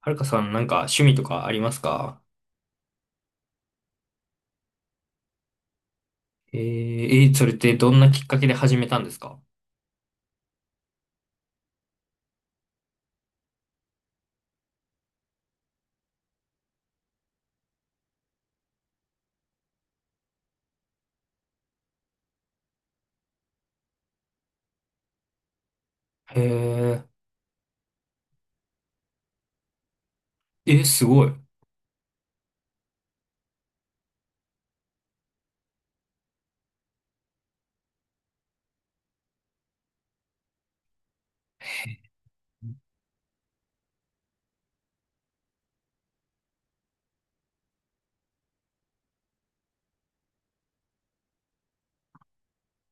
はるかさん、なんか趣味とかありますか？えー、それってどんなきっかけで始めたんですか？へえ。え、すごい。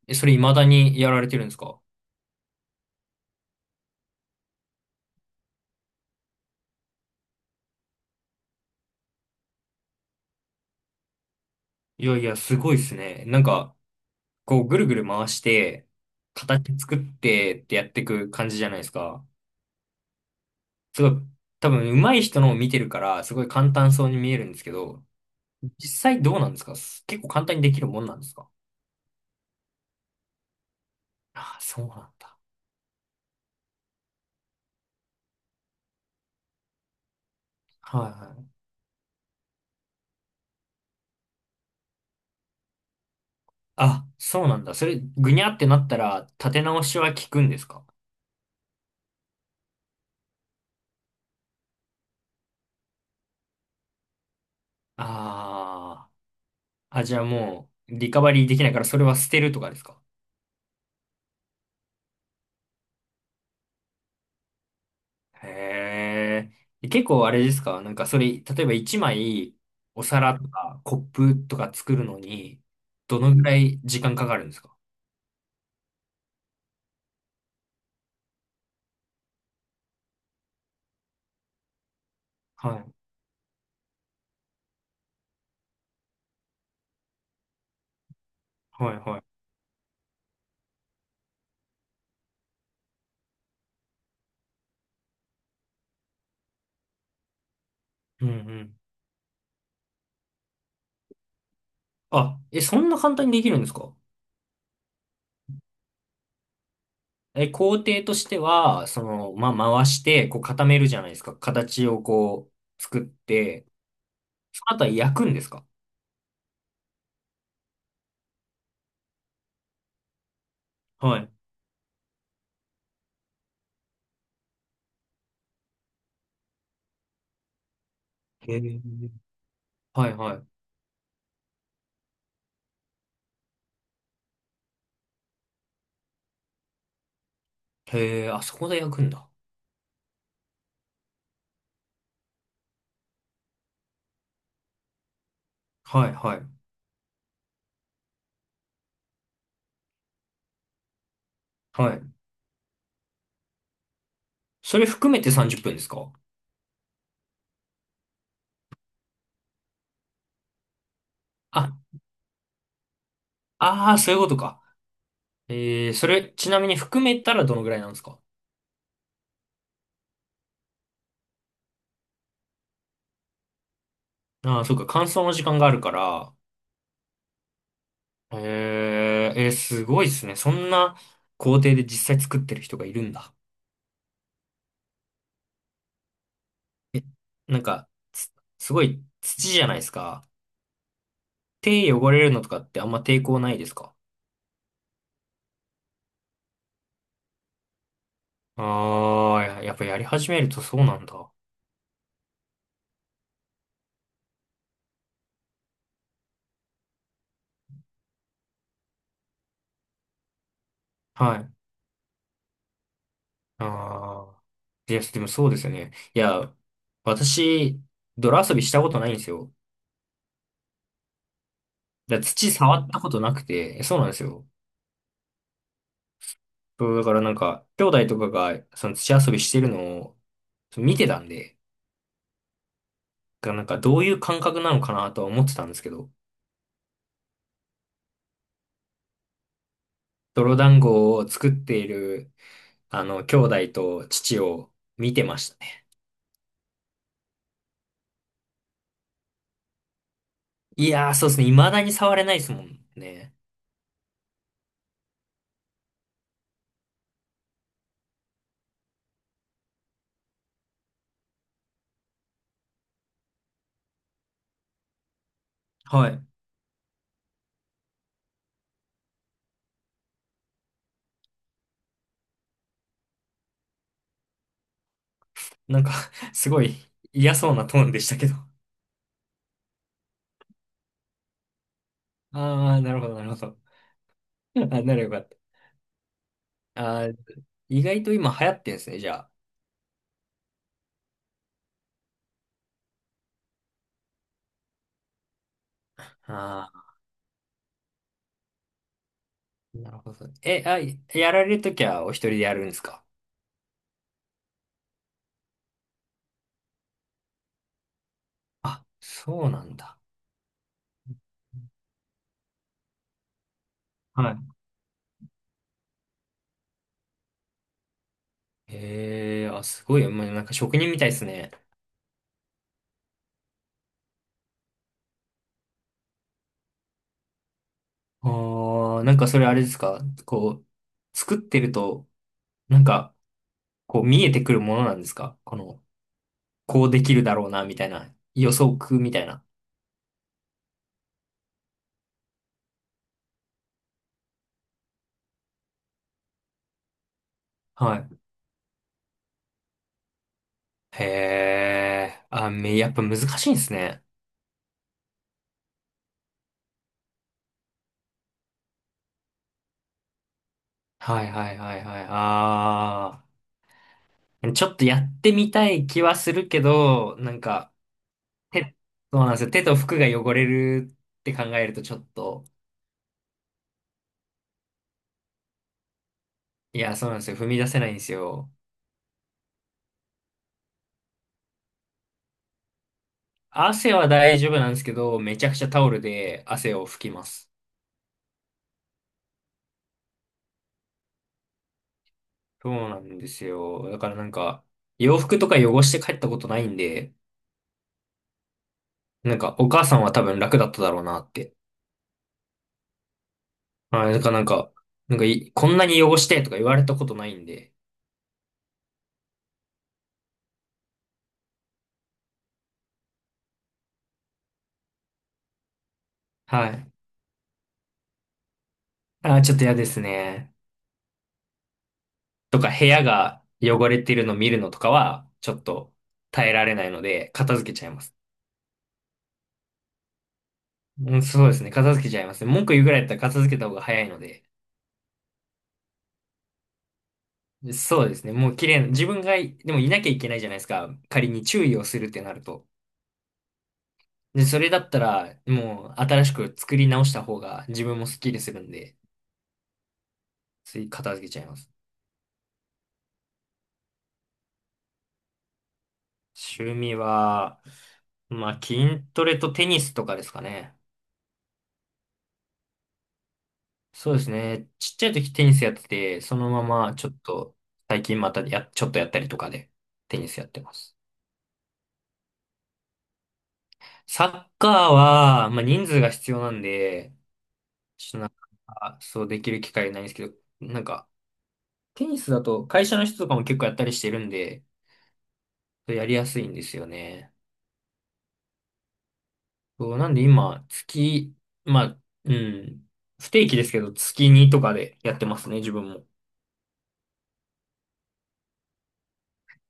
え、それ未だにやられてるんですか？いやいや、すごいですね。なんか、こう、ぐるぐる回して、形作ってってやっていく感じじゃないですか。すごい、多分、上手い人のを見てるから、すごい簡単そうに見えるんですけど、実際どうなんですか？結構簡単にできるもんなんですか？ああ、そうなんだ。はいはい。あ、そうなんだ。それ、ぐにゃってなったら、立て直しは効くんですか？あーあ、じゃあもう、リカバリーできないから、それは捨てるとかですか？へえ。結構あれですか？なんかそれ、例えば1枚、お皿とかコップとか作るのに、どのぐらい時間かかるんですか？はい、はい、はい。うんうん。あ、え、そんな簡単にできるんですか？え、工程としては、その、まあ、回して、こう固めるじゃないですか。形をこう、作って、その後は焼くんですか？はい。へえ。はいはい。へえ、あそこで焼くんだ。はいはい。はい。それ含めて30分ですか？あ、ああ、そういうことか。それ、ちなみに含めたらどのぐらいなんですか？ああー、そうか、乾燥の時間があるから。すごいですね。そんな工程で実際作ってる人がいるんだ。え、なんか、すごい土じゃないですか。手汚れるのとかってあんま抵抗ないですか？ああー、やっぱやり始めるとそうなんだ。はい。ああ。いや、でもそうですよね。いや、私、泥遊びしたことないんですよ。だから土触ったことなくて、そうなんですよ。そうだからなんか、兄弟とかが、その土遊びしてるのを、そう見てたんで、なんかどういう感覚なのかなとは思ってたんですけど、泥団子を作っている、あの、兄弟と父を見てましたね。いやー、そうですね。未だに触れないですもんね。はい。なんか すごい嫌そうなトーンでしたけど。ああ、なるほど、なるほど。あ、ならよかった。あー、意外と今流行ってんですね、じゃあ。ああ、なるほど。え、あ、やられるときはお一人でやるんですか？あ、そうなんだ。はい。へえ、あ、すごい。まあ、なんか職人みたいですね。ああ、なんかそれあれですか？こう、作ってると、なんか、こう見えてくるものなんですか？この、こうできるだろうな、みたいな。予測みたいな。はい。へえ、あ、やっぱ難しいんですね。はいはいはいはい。ああ。ちょっとやってみたい気はするけど、なんか、手、そうなんですよ。手と服が汚れるって考えるとちょっと、いや、そうなんですよ。踏み出せないんですよ。汗は大丈夫なんですけど、めちゃくちゃタオルで汗を拭きます。そうなんですよ。だからなんか、洋服とか汚して帰ったことないんで、なんか、お母さんは多分楽だっただろうなって。はい。だからなんか、なんかい、こんなに汚してとか言われたことないんで、はい。ああ、ちょっと嫌ですね。とか部屋が汚れてるの見るのとかは、ちょっと耐えられないので、片付けちゃいます。うん、そうですね。片付けちゃいますね。文句言うぐらいだったら片付けた方が早いので。そうですね。もう綺麗な、自分がい、でもいなきゃいけないじゃないですか。仮に注意をするってなると。で、それだったら、もう新しく作り直した方が自分もスッキリするんで、つい片付けちゃいます。趣味は、まあ、筋トレとテニスとかですかね。そうですね。ちっちゃい時テニスやってて、そのままちょっと、最近またちょっとやったりとかで、テニスやってます。サッカーは、まあ、人数が必要なんで、ちょっとなんか、そうできる機会ないんですけど、なんか、テニスだと会社の人とかも結構やったりしてるんで、やりやすいんですよね。そう、なんで今、まあ、うん、不定期ですけど、月2とかでやってますね、自分も。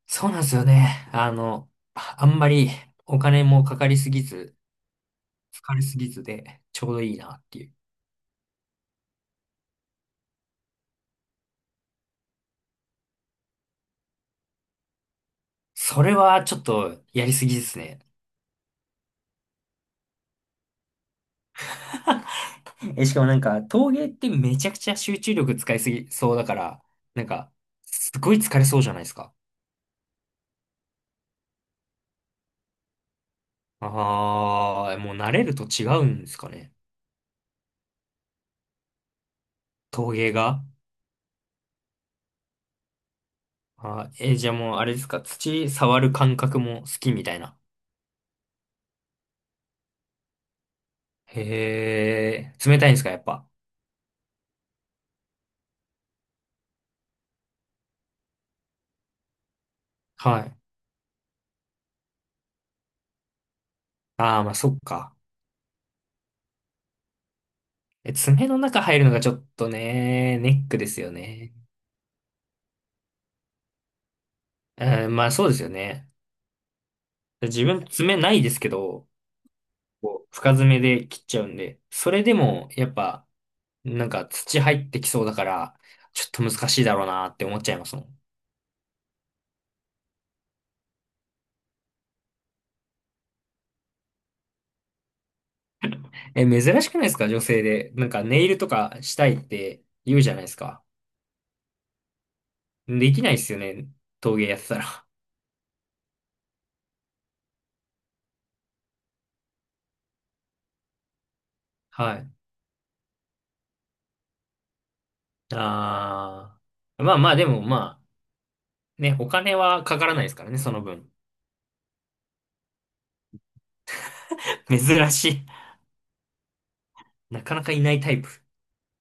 そうなんですよね。あの、あんまりお金もかかりすぎず、疲れすぎずで、ちょうどいいなっていう。それはちょっとやりすぎですね。え、しかもなんか、陶芸ってめちゃくちゃ集中力使いすぎそうだから、なんか、すごい疲れそうじゃないですか。ああ、もう慣れると違うんですかね。陶芸が。あー、え、じゃあもうあれですか、土触る感覚も好きみたいな。へえ、冷たいんですか、やっぱ。はい。ああ、まあそっか。え、爪の中入るのがちょっとね、ネックですよね。うん、まあそうですよね。自分爪ないですけど、こう深爪で切っちゃうんで、それでもやっぱなんか土入ってきそうだから、ちょっと難しいだろうなって思っちゃいますもん。え、珍しくないですか？女性で。なんかネイルとかしたいって言うじゃないですか。できないですよね。陶芸やってたら。はい。あー。まあまあでもまあ、ね、お金はかからないですからね、その分。珍しい。なかなかいないタイプ。